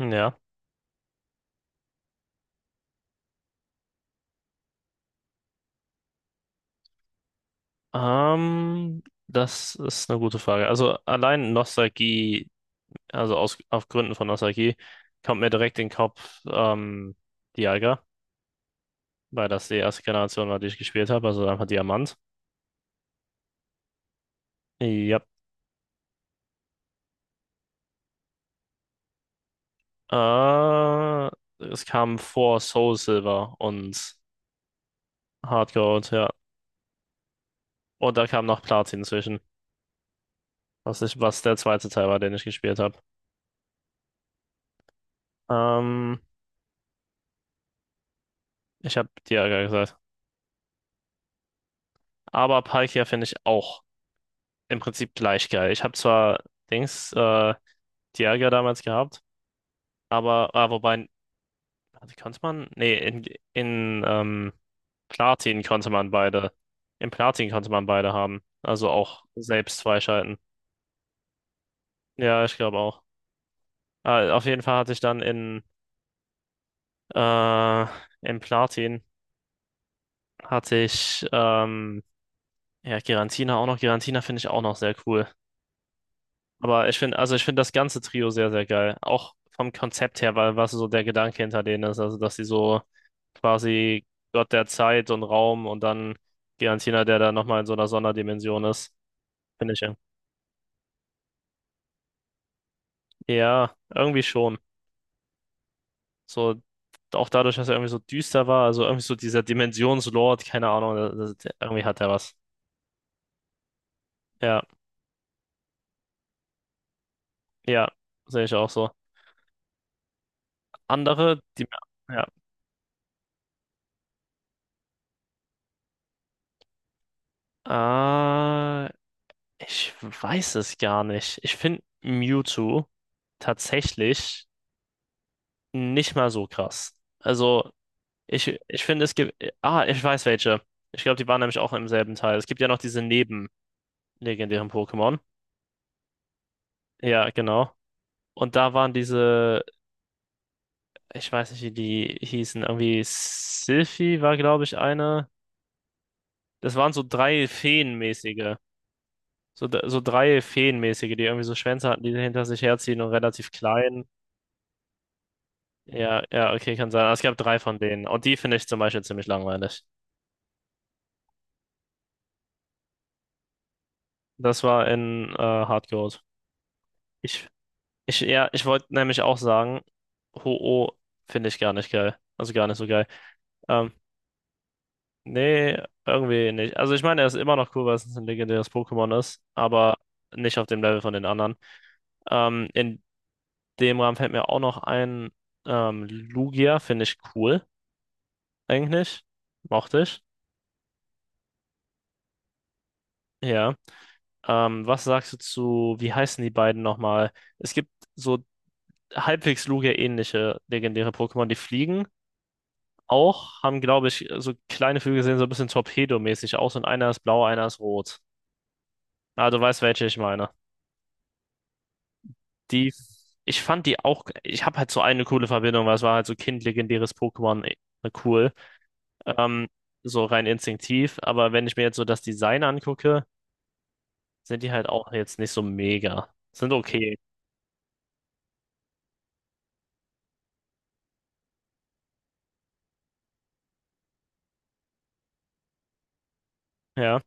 Ja. Das ist eine gute Frage. Also allein Nostalgie, auf Gründen von Nostalgie, kommt mir direkt in den Kopf Dialga, weil das die erste Generation war, die ich gespielt habe, also einfach Diamant. Ja. Äh, Es kam vor Soul Silver und Hard Gold, ja. Und da kam noch Platin zwischen, was der zweite Teil war, den ich gespielt habe. Ähm, Ich habe Dialga gesagt. Aber Palkia finde ich auch im Prinzip gleich geil. Ich habe zwar Dings, äh, Dialga damals gehabt, aber, wobei, warte, konnte man? Nee, in Platin konnte man beide. Im Platin konnte man beide haben. Also auch selbst freischalten. Ja, ich glaube auch. Ah, auf jeden Fall hatte ich dann äh, im Platin hatte ich ja, Giratina auch noch. Giratina finde ich auch noch sehr cool. Aber ich finde, also ich finde das ganze Trio sehr, sehr geil. Auch vom Konzept her, weil was so der Gedanke hinter denen ist, also dass sie so quasi Gott der Zeit und Raum und dann Giantina, der da nochmal in so einer Sonderdimension ist, finde ich. Ja, ja, irgendwie schon. So, auch dadurch, dass er irgendwie so düster war, also irgendwie so dieser Dimensionslord, keine Ahnung, irgendwie hat er was. Ja, ja, sehe ich auch so. Andere, die mir, ja. Ich weiß es gar nicht. Ich finde Mewtwo tatsächlich nicht mal so krass. Also, ich finde, es gibt. Ah, ich weiß welche. Ich glaube, die waren nämlich auch im selben Teil. Es gibt ja noch diese nebenlegendären Pokémon. Ja, genau. Und da waren diese, ich weiß nicht, wie die hießen, irgendwie Sylphie war, glaube ich, eine. Das waren so drei Feenmäßige. So, so drei Feenmäßige, die irgendwie so Schwänze hatten, die hinter sich herziehen und relativ klein. Ja, ja, okay, kann sein. Es gab drei von denen. Und die finde ich zum Beispiel ziemlich langweilig. Das war in Hard Gold. Ich, ich, ja, ich wollte nämlich auch sagen, Ho-Oh finde ich gar nicht geil. Also gar nicht so geil. Ähm, nee, irgendwie nicht. Also ich meine, er ist immer noch cool, weil es ein legendäres Pokémon ist, aber nicht auf dem Level von den anderen. In dem Rahmen fällt mir auch noch ein Lugia, finde ich cool, eigentlich. Mochte ich. Ja. Was sagst du zu, wie heißen die beiden nochmal? Es gibt so halbwegs Lugia-ähnliche legendäre Pokémon, die fliegen auch, haben, glaube ich, so kleine Flügel sehen so ein bisschen Torpedo-mäßig aus und einer ist blau, einer ist rot. Ah, du weißt, welche ich meine. Die, ich fand die auch, ich habe halt so eine coole Verbindung, weil es war halt so kindlegendäres Pokémon cool. Ähm, so rein instinktiv, aber wenn ich mir jetzt so das Design angucke, sind die halt auch jetzt nicht so mega. Sind okay, ja.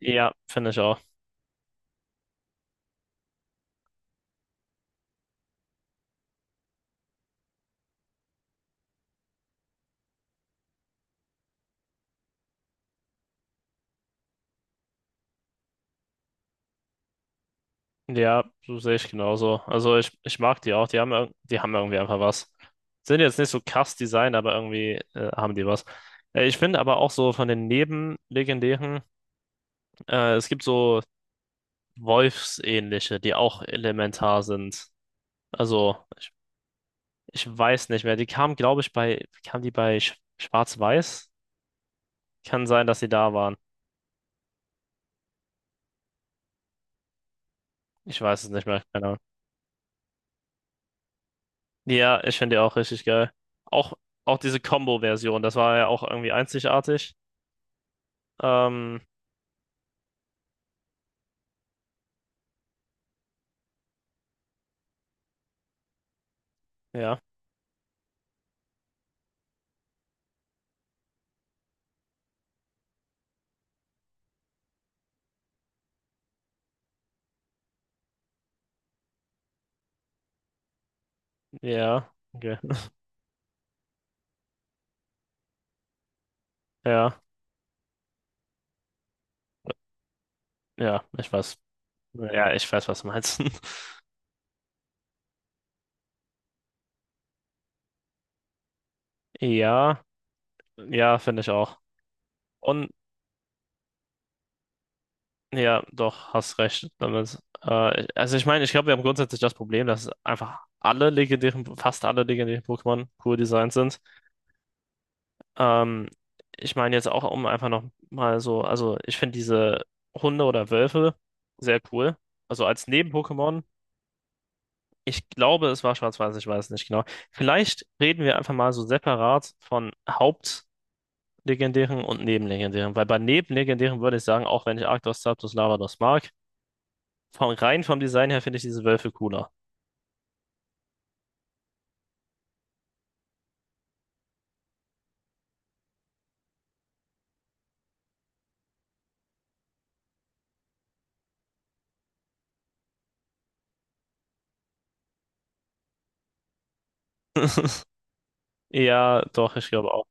Ja, finde ich auch. Ja, so sehe ich genauso. Also ich mag die auch. Die haben, die haben irgendwie einfach was. Sind jetzt nicht so krass Design, aber irgendwie haben die was. Ich finde aber auch so von den Nebenlegendären, es gibt so Wolfsähnliche, die auch elementar sind. Also ich weiß nicht mehr. Die kamen, glaube ich, kamen die bei Schwarz-Weiß? Kann sein, dass die da waren. Ich weiß es nicht mehr. Keine Ahnung. Ja, ich finde die auch richtig geil. Auch, auch diese Combo-Version, das war ja auch irgendwie einzigartig. Ähm, Ja ja, okay. Ja, ja, ich weiß. Ja, ich weiß, was du meinst. Ja, ja, finde ich auch. Und ja, doch, hast recht damit. Also ich meine, ich glaube, wir haben grundsätzlich das Problem, dass einfach alle legendären, fast alle legendären Pokémon cool designt sind. Ähm, ich meine jetzt auch, um einfach noch mal so, also ich finde diese Hunde oder Wölfe sehr cool. Also als Neben-Pokémon. Ich glaube, es war schwarz-weiß, ich weiß nicht genau. Vielleicht reden wir einfach mal so separat von Hauptlegendären und Nebenlegendären, weil bei Nebenlegendären würde ich sagen, auch wenn ich Arctos, Zapdos, Lavados mag, von rein vom Design her finde ich diese Wölfe cooler. Ja, doch, ich glaube auch.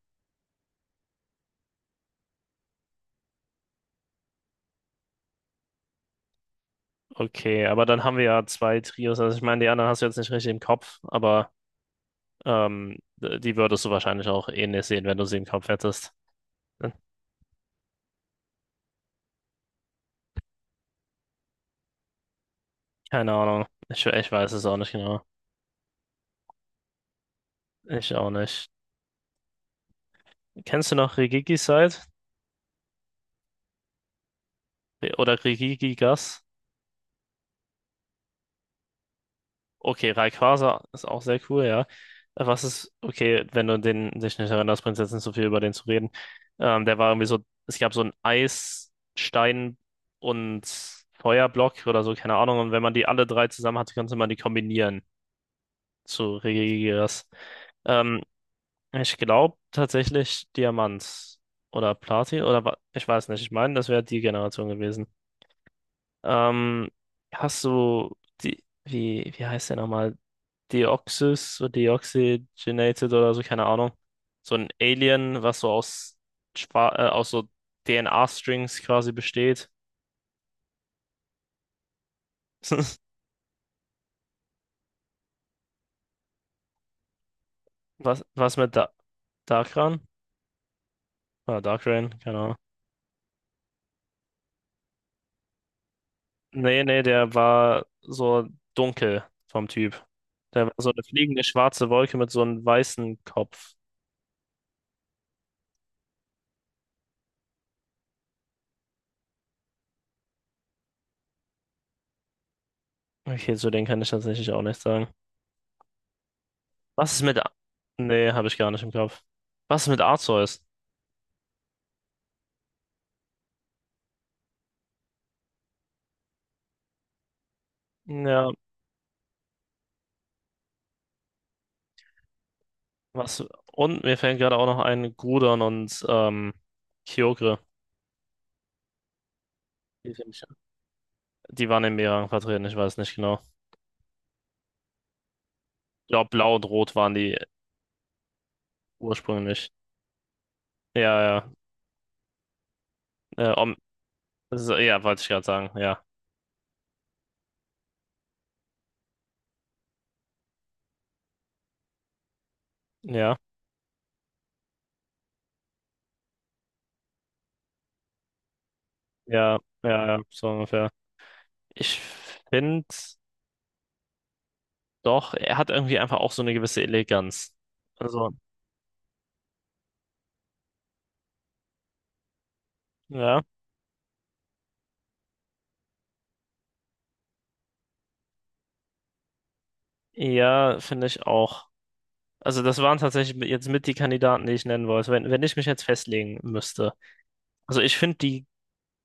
Okay, aber dann haben wir ja zwei Trios. Also ich meine, die anderen hast du jetzt nicht richtig im Kopf, aber die würdest du wahrscheinlich auch ähnlich sehen, wenn du sie im Kopf hättest. Hm. Keine Ahnung. Ich weiß es auch nicht genau. Ich auch nicht. Kennst du noch Rigigi Side? Oder Rigigi Gas? Okay, Rayquaza ist auch sehr cool, ja. Was ist, okay, wenn du dich nicht erinnerst, bringt es jetzt nicht so viel über den zu reden. Der war irgendwie so, es gab so einen Eisstein und Feuerblock oder so, keine Ahnung. Und wenn man die alle drei zusammen hatte, konnte man die kombinieren zu Regigigas. Ähm, ich glaube tatsächlich Diamant oder Platin oder ich weiß nicht. Ich meine, das wäre die Generation gewesen. Ähm, Hast du die, wie heißt der nochmal? Deoxys oder Deoxygenated oder so, keine Ahnung. So ein Alien, was so aus so DNA-Strings quasi besteht. Was mit da Darkran? Ah, Darkran, keine Ahnung. Nee, nee, der war so dunkel vom Typ. Der war so eine fliegende schwarze Wolke mit so einem weißen Kopf. Okay, zu denen kann ich tatsächlich auch nichts sagen. Was ist mit... A nee, habe ich gar nicht im Kopf. Was ist mit Arceus? Ja, was? Und mir fällt gerade auch noch ein, Gudon und Kyogre. Die finde ich- Die waren in mehreren vertreten, ich weiß nicht genau. Ja, blau und rot waren die ursprünglich. Ja, ja. Äh, Om ja, wollte ich gerade sagen. Ja. Ja, ja, ja, ja, so ungefähr. Ich finde doch, er hat irgendwie einfach auch so eine gewisse Eleganz. Also, ja. Ja, finde ich auch. Also, das waren tatsächlich jetzt mit die Kandidaten, die ich nennen wollte, wenn ich mich jetzt festlegen müsste. Also, ich finde die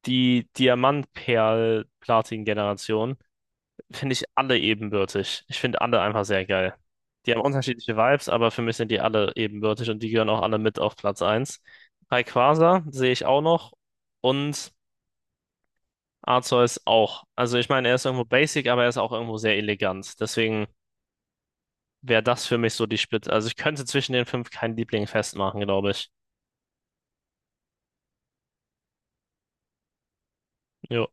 die Diamant-Perl-Platin-Generation finde ich alle ebenbürtig. Ich finde alle einfach sehr geil. Die haben unterschiedliche Vibes, aber für mich sind die alle ebenbürtig und die gehören auch alle mit auf Platz 1. Rayquaza sehe ich auch noch und Arceus auch. Also ich meine, er ist irgendwo basic, aber er ist auch irgendwo sehr elegant. Deswegen wäre das für mich so die Spitze. Also ich könnte zwischen den fünf keinen Liebling festmachen, glaube ich. Jo.